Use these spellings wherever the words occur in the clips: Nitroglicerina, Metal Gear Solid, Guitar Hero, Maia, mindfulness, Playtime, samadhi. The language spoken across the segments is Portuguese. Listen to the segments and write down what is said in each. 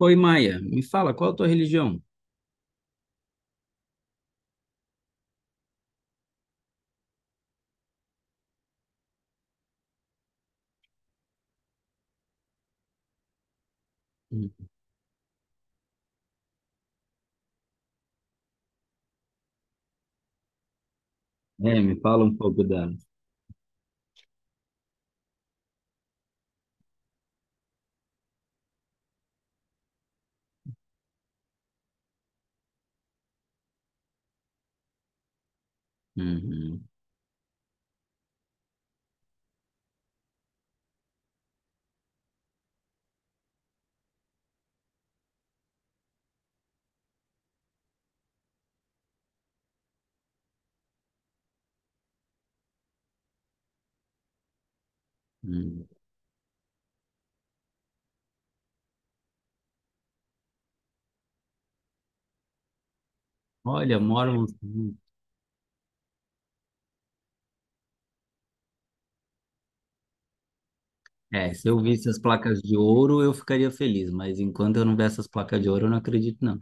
Oi, Maia, me fala, qual a tua religião? Hum. É, me fala um pouco dela. Uhum, uhum. Olha, moram. É, se eu visse as placas de ouro, eu ficaria feliz, mas enquanto eu não ver essas placas de ouro, eu não acredito, não.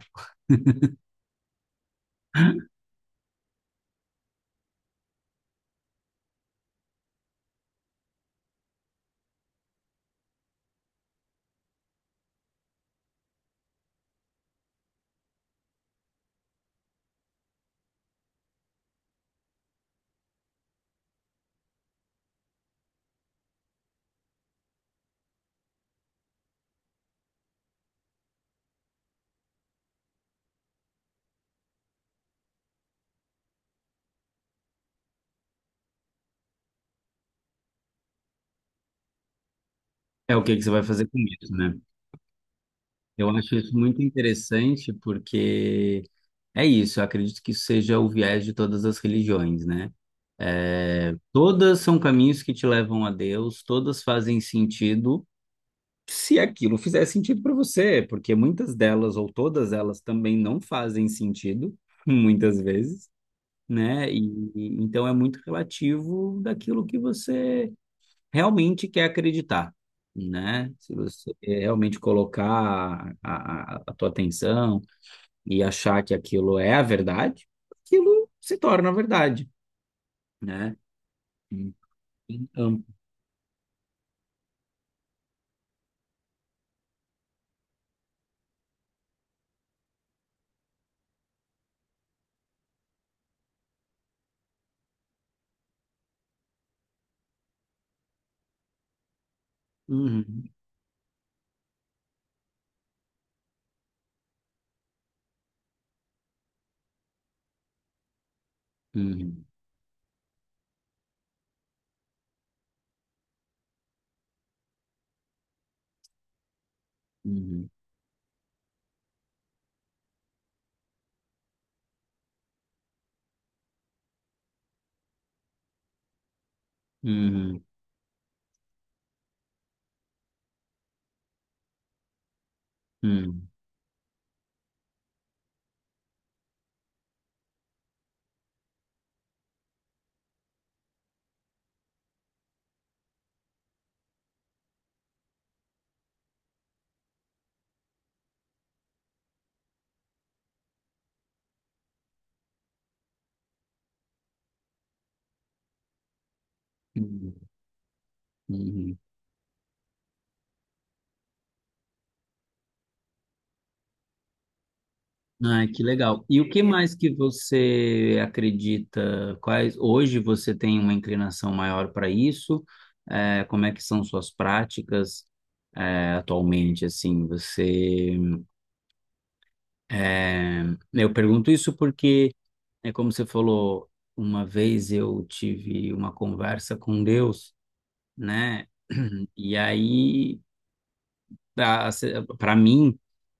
É o que que você vai fazer com isso, né? Eu acho isso muito interessante porque é isso, eu acredito que isso seja o viés de todas as religiões, né? É, todas são caminhos que te levam a Deus, todas fazem sentido. Se aquilo fizer sentido para você, porque muitas delas ou todas elas também não fazem sentido, muitas vezes, né? Então é muito relativo daquilo que você realmente quer acreditar, né? Se você realmente colocar a tua atenção e achar que aquilo é a verdade, aquilo se torna a verdade, né? Então, uhum, uhum, uhum, uhum, uhum, uhum, uhum. Ai, que legal. E o que mais que você acredita? Quais hoje você tem uma inclinação maior para isso? É, como é que são suas práticas, atualmente? Assim, você, é, eu pergunto isso porque é como você falou, uma vez eu tive uma conversa com Deus, né? E aí para mim,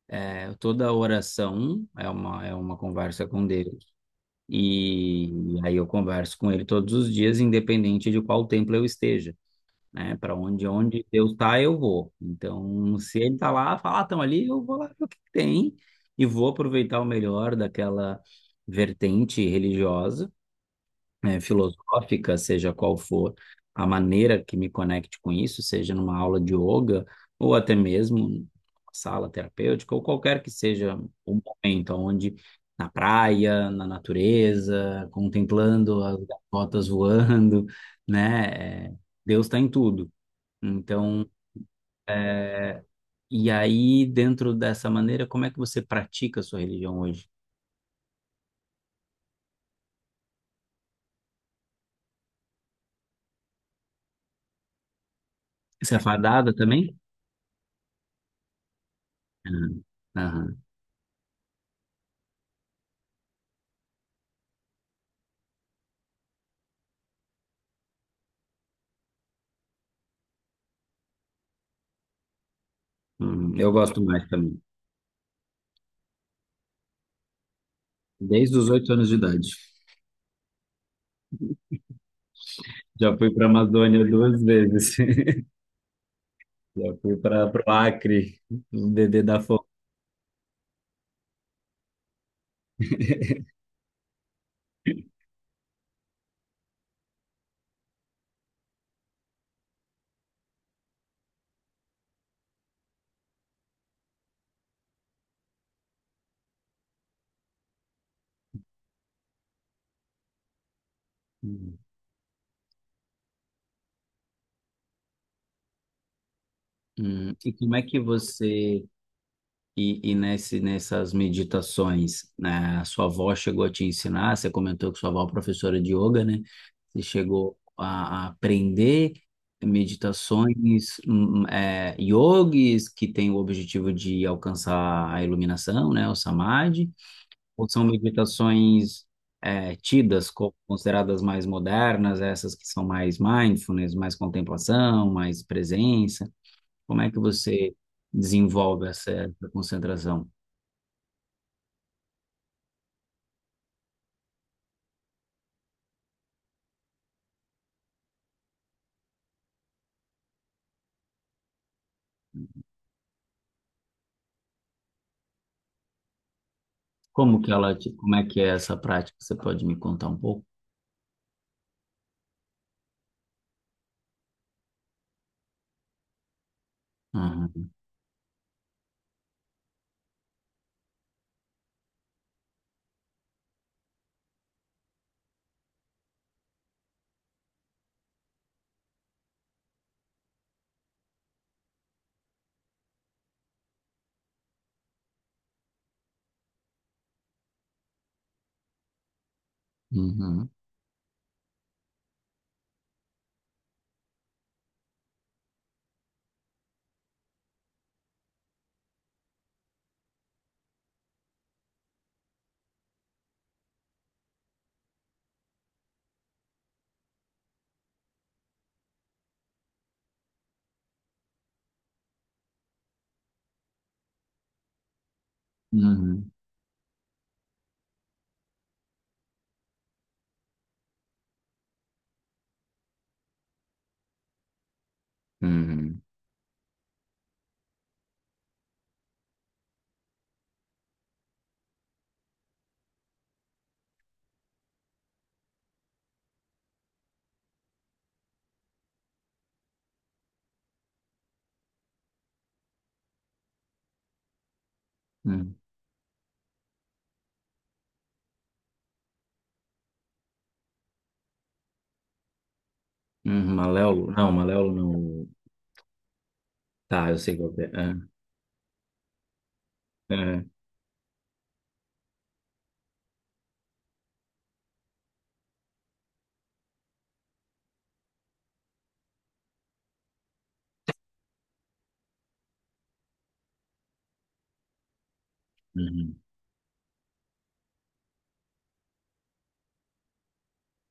toda oração é uma conversa com Deus. E aí eu converso com ele todos os dias, independente de qual templo eu esteja, né? Para onde Deus tá, eu vou. Então, se ele tá lá, fala, ah, estão ali, eu vou lá ver o que que tem e vou aproveitar o melhor daquela vertente religiosa, filosófica, seja qual for a maneira que me conecte com isso, seja numa aula de yoga ou até mesmo numa sala terapêutica ou qualquer que seja o momento, onde na praia, na natureza, contemplando as gaivotas voando, né? Deus está em tudo. Então, e aí dentro dessa maneira, como é que você pratica a sua religião hoje? Você é fardada também? Aham, aham. Eu gosto mais também. Desde os 8 anos de idade. Já fui para a Amazônia 2 vezes. Já fui para o Acre, o bebê da fome. Hum. Hum. E como é que você, nesse, nessas meditações, né, a sua avó chegou a te ensinar, você comentou que sua avó é professora de yoga, né? Você chegou a aprender meditações, yogis que têm o objetivo de alcançar a iluminação, né, o samadhi, ou são meditações, tidas como consideradas mais modernas, essas que são mais mindfulness, mais contemplação, mais presença? Como é que você desenvolve essa concentração? Como que ela, como é que é essa prática? Você pode me contar um pouco? Aham. Uhum. Uhum. Uhum. Uhum. Uhum. Maléolo? Não, Maléolo não. Tá, eu sei qual que é. Ah, ah, uhum.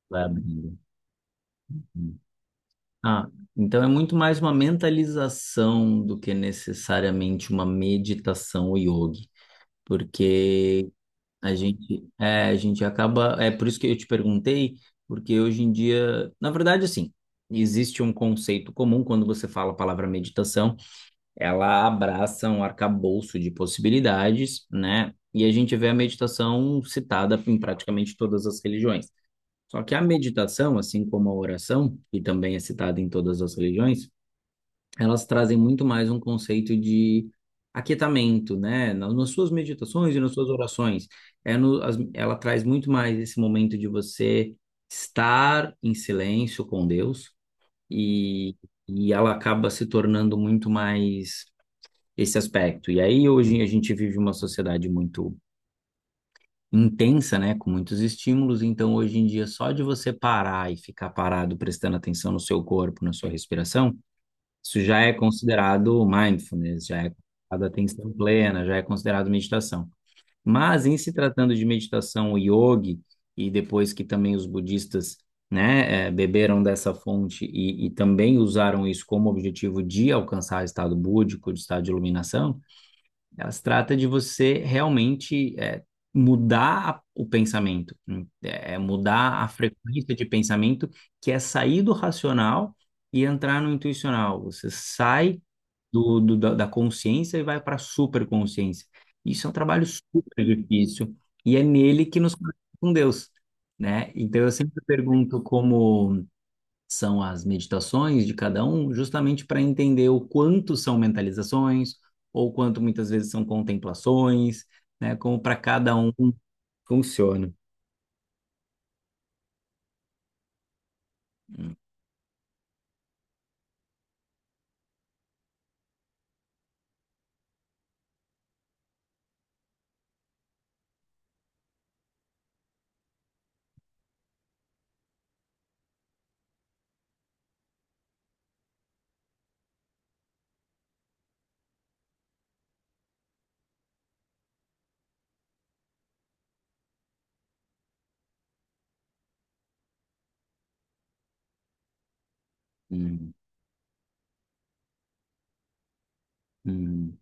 Vai abrindo. Uhum. Ah, então é muito mais uma mentalização do que necessariamente uma meditação ou yoga, porque a gente, a gente acaba, é por isso que eu te perguntei, porque hoje em dia, na verdade, assim, existe um conceito comum quando você fala a palavra meditação, ela abraça um arcabouço de possibilidades, né? E a gente vê a meditação citada em praticamente todas as religiões. Só que a meditação, assim como a oração, que também é citada em todas as religiões, elas trazem muito mais um conceito de aquietamento, né? Nas suas meditações e nas suas orações. É no, ela traz muito mais esse momento de você estar em silêncio com Deus e, e ela acaba se tornando muito mais esse aspecto. E aí hoje a gente vive uma sociedade muito intensa, né? Com muitos estímulos, então hoje em dia só de você parar e ficar parado prestando atenção no seu corpo, na sua respiração, isso já é considerado mindfulness, já é considerado atenção plena, já é considerado meditação. Mas em se tratando de meditação o yogi, e depois que também os budistas, né, beberam dessa fonte e também usaram isso como objetivo de alcançar estado búdico, de estado de iluminação, ela se trata de você realmente, mudar o pensamento, é mudar a frequência de pensamento, que é sair do racional e entrar no intuicional. Você sai do, da, da consciência e vai para a superconsciência. Isso é um trabalho super difícil e é nele que nos conecta com Deus, né? Então eu sempre pergunto como são as meditações de cada um, justamente para entender o quanto são mentalizações, ou quanto muitas vezes são contemplações, né? Como para cada um funciona. Hum, hum, hum,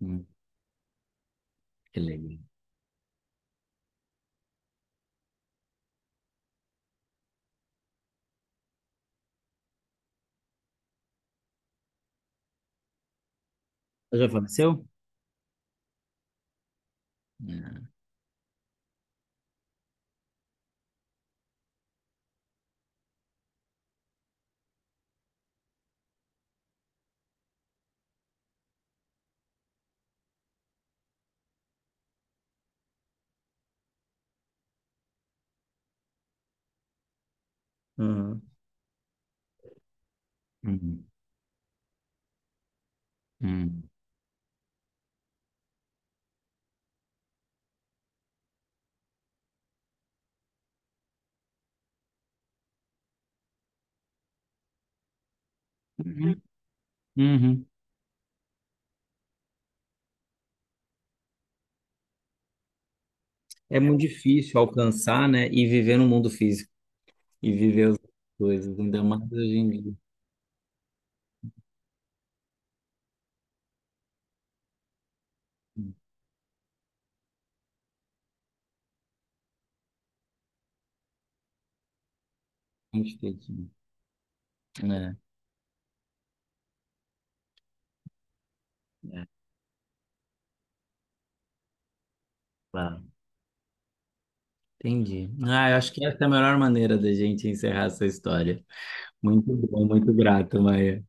hum, que legal. Já faleceu? Uhum. Uhum. Uhum. Uhum. Uhum. É muito difícil alcançar, né? E viver no mundo físico e viver as coisas, ainda mais hoje em dia. Muito difícil. É, é, claro. Entendi. Ah, eu acho que essa é a melhor maneira da gente encerrar essa história. Muito bom, muito grato, Maia.